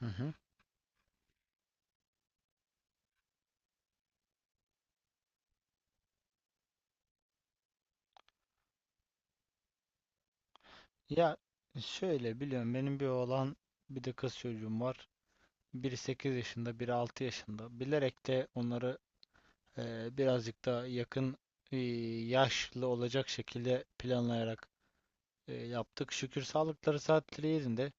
Hı hı. Ya şöyle biliyorum benim bir oğlan bir de kız çocuğum var. Biri 8 yaşında, biri 6 yaşında. Bilerek de onları birazcık daha yakın yaşlı olacak şekilde planlayarak yaptık. Şükür sağlıkları saatleri yerinde.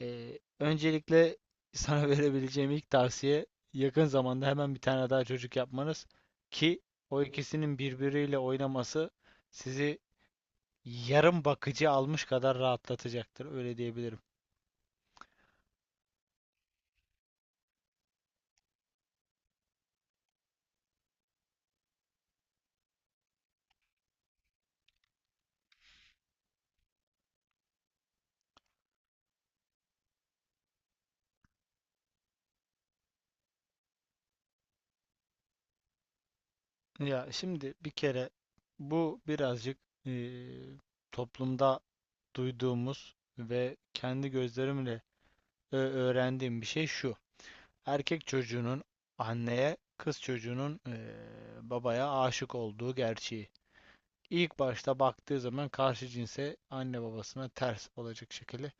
Öncelikle sana verebileceğim ilk tavsiye yakın zamanda hemen bir tane daha çocuk yapmanız ki o ikisinin birbiriyle oynaması sizi yarım bakıcı almış kadar rahatlatacaktır. Öyle diyebilirim. Ya şimdi bir kere bu birazcık eee, toplumda duyduğumuz ve kendi gözlerimle öğrendiğim bir şey şu. Erkek çocuğunun anneye, kız çocuğunun babaya aşık olduğu gerçeği. İlk başta baktığı zaman karşı cinse anne babasına ters olacak şekilde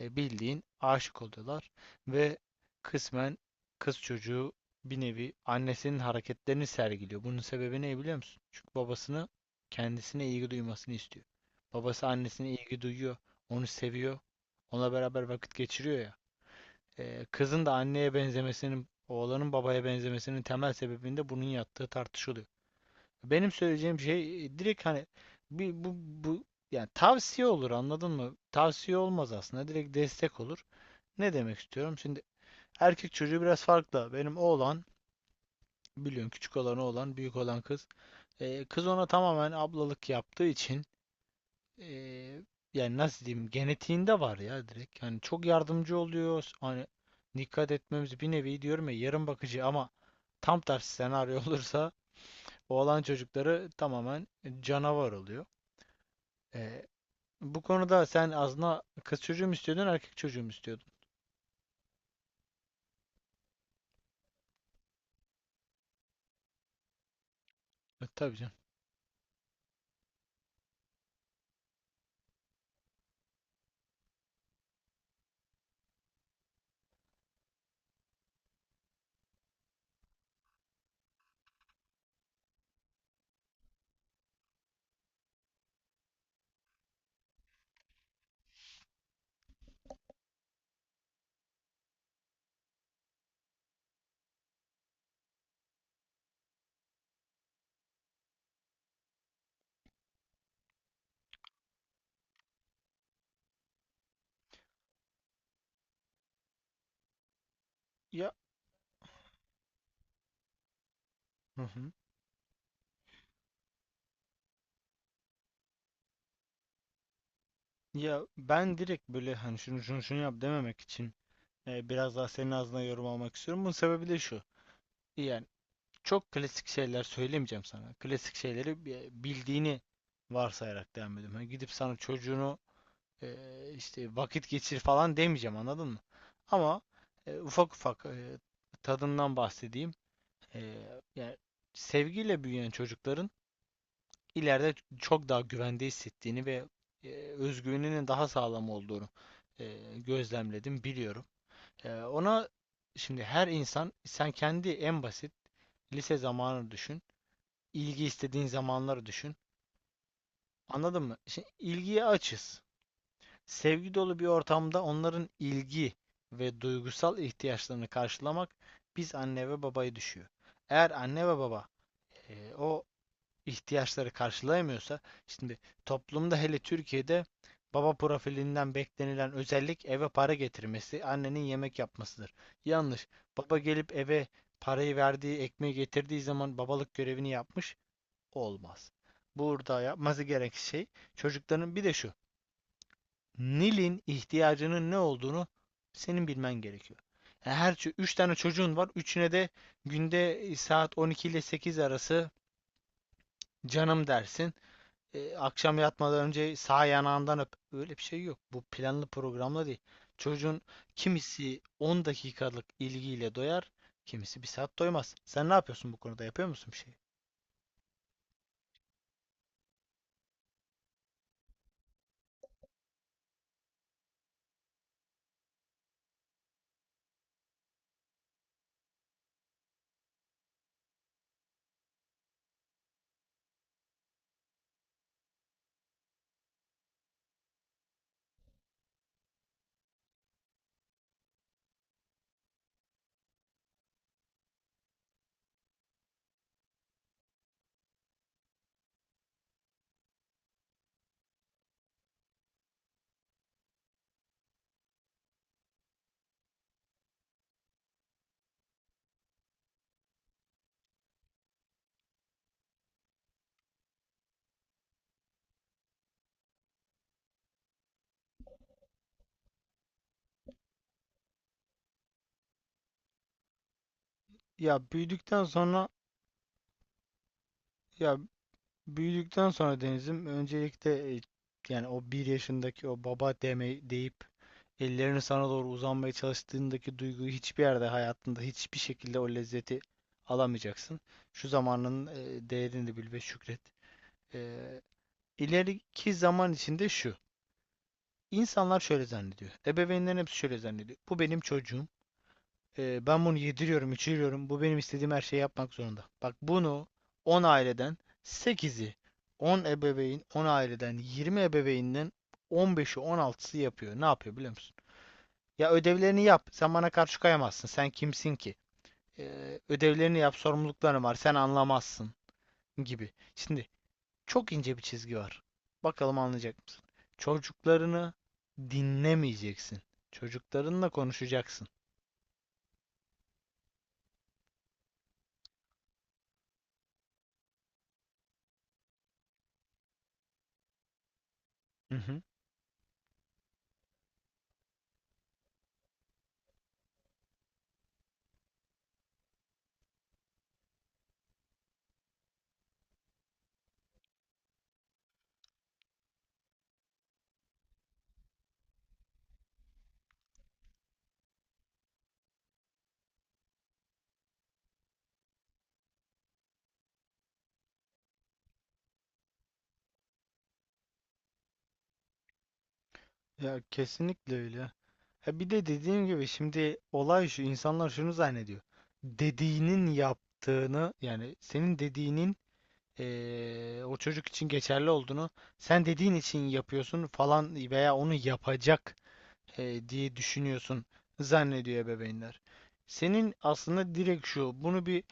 bildiğin aşık oluyorlar ve kısmen kız çocuğu bir nevi annesinin hareketlerini sergiliyor. Bunun sebebi ne biliyor musun? Çünkü babasını kendisine ilgi duymasını istiyor. Babası annesine ilgi duyuyor, onu seviyor, onunla beraber vakit geçiriyor ya. Kızın da anneye benzemesinin, oğlanın babaya benzemesinin temel sebebinde bunun yattığı tartışılıyor. Benim söyleyeceğim şey direkt hani bir, bu yani tavsiye olur anladın mı? Tavsiye olmaz aslında direkt destek olur. Ne demek istiyorum? Şimdi erkek çocuğu biraz farklı. Benim oğlan biliyorsun küçük olan oğlan, büyük olan kız. Kız ona tamamen ablalık yaptığı için ee, yani nasıl diyeyim genetiğinde var ya direkt. Yani çok yardımcı oluyor. Hani dikkat etmemiz bir nevi diyorum ya yarım bakıcı ama tam tersi senaryo olursa oğlan çocukları tamamen canavar oluyor. Ee, Bu konuda sen aslında kız çocuğu mu istiyordun, erkek çocuğu mu istiyordun? E, tabii canım. Ya. Hı hı. Ya ben direkt böyle hani şunu şunu şunu yap dememek için biraz daha senin ağzına yorum almak istiyorum. Bunun sebebi de şu. Yani çok klasik şeyler söylemeyeceğim sana. Klasik şeyleri bildiğini varsayarak devam ediyorum. Hani gidip sana çocuğunu e, işte vakit geçir falan demeyeceğim anladın mı? Ama ufak ufak tadından bahsedeyim. E, Yani sevgiyle büyüyen çocukların ileride çok daha güvende hissettiğini ve özgüveninin daha sağlam olduğunu gözlemledim, biliyorum. Ona şimdi her insan sen kendi en basit lise zamanını düşün, ilgi istediğin zamanları düşün. Anladın mı? Şimdi ilgiye açız. Sevgi dolu bir ortamda onların ilgi ve duygusal ihtiyaçlarını karşılamak biz anne ve babayı düşüyor. Eğer anne ve baba o ihtiyaçları karşılayamıyorsa şimdi toplumda hele Türkiye'de baba profilinden beklenilen özellik eve para getirmesi, annenin yemek yapmasıdır. Yanlış. Baba gelip eve parayı verdiği, ekmeği getirdiği zaman babalık görevini yapmış olmaz. Burada yapması gereken şey çocukların bir de şu. Nil'in ihtiyacının ne olduğunu senin bilmen gerekiyor. Yani her 3 tane çocuğun var. Üçüne de günde saat 12 ile 8 arası canım dersin. E, akşam yatmadan önce sağ yanağından öp. Öyle bir şey yok. Bu planlı programla değil. Çocuğun kimisi 10 dakikalık ilgiyle doyar, kimisi bir saat doymaz. Sen ne yapıyorsun bu konuda? Yapıyor musun bir şey? Ya büyüdükten sonra Ya büyüdükten sonra Deniz'im öncelikle yani o bir yaşındaki o baba deme deyip ellerini sana doğru uzanmaya çalıştığındaki duyguyu hiçbir yerde hayatında hiçbir şekilde o lezzeti alamayacaksın. Şu zamanın değerini de bil ve şükret. E, İleriki zaman içinde şu. İnsanlar şöyle zannediyor. Ebeveynlerin hepsi şöyle zannediyor. Bu benim çocuğum. Ben bunu yediriyorum, içiriyorum. Bu benim istediğim her şeyi yapmak zorunda. Bak bunu 10 aileden sekizi, 10 ebeveyn, 10 aileden 20 ebeveynden on beşi, on altısı yapıyor. Ne yapıyor biliyor musun? Ya ödevlerini yap. Sen bana karşı koyamazsın. Sen kimsin ki? Ödevlerini yap, sorumlulukların var. Sen anlamazsın gibi. Şimdi çok ince bir çizgi var. Bakalım anlayacak mısın? Çocuklarını dinlemeyeceksin. Çocuklarınla konuşacaksın. Hı hı. Ya kesinlikle öyle. Ha bir de dediğim gibi şimdi olay şu insanlar şunu zannediyor. Dediğinin yaptığını yani senin dediğinin o çocuk için geçerli olduğunu sen dediğin için yapıyorsun falan veya onu yapacak diye düşünüyorsun zannediyor ebeveynler. Senin aslında direkt şu, bunu bir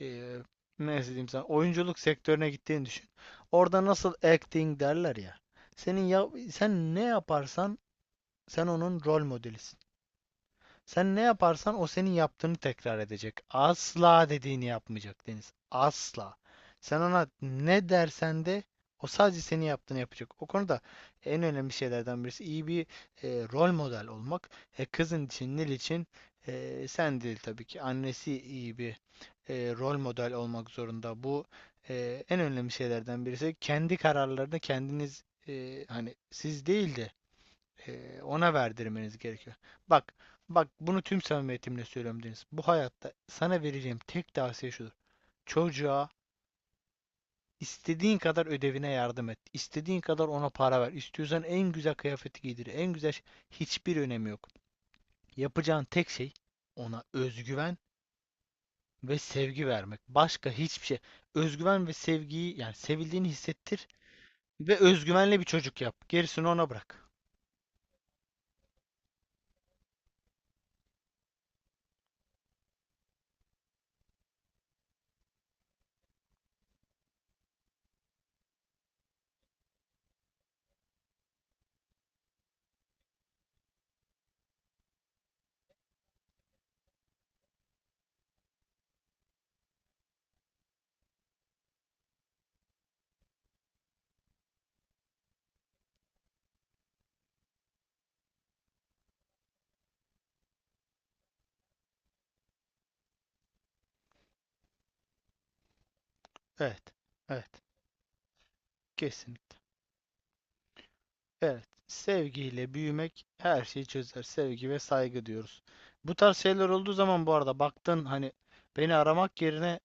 e, nasıl diyeyim sana, oyunculuk sektörüne gittiğini düşün. Orada nasıl acting derler ya. Senin ya, sen ne yaparsan sen onun rol modelisin. Sen ne yaparsan o senin yaptığını tekrar edecek. Asla dediğini yapmayacak Deniz. Asla. Sen ona ne dersen de o sadece senin yaptığını yapacak. O konuda en önemli şeylerden birisi iyi bir rol model olmak. Kızın için, Nil için sen değil tabii ki. Annesi iyi bir rol model olmak zorunda. Bu en önemli şeylerden birisi. Kendi kararlarını kendiniz hani siz değil de ona verdirmeniz gerekiyor. Bak, bak bunu tüm samimiyetimle söylüyorum Deniz. Bu hayatta sana vereceğim tek tavsiye şudur. Çocuğa istediğin kadar ödevine yardım et. İstediğin kadar ona para ver. İstiyorsan en güzel kıyafeti giydir. En güzel şey. Hiçbir önemi yok. Yapacağın tek şey ona özgüven ve sevgi vermek. Başka hiçbir şey. Özgüven ve sevgiyi yani sevildiğini hissettir ve özgüvenle bir çocuk yap. Gerisini ona bırak. Evet. Evet. Kesinlikle. Evet, sevgiyle büyümek her şeyi çözer. Sevgi ve saygı diyoruz. Bu tarz şeyler olduğu zaman bu arada baktın hani beni aramak yerine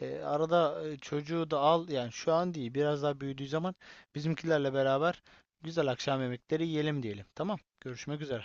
arada çocuğu da al yani şu an değil biraz daha büyüdüğü zaman bizimkilerle beraber güzel akşam yemekleri yiyelim diyelim. Tamam, görüşmek üzere.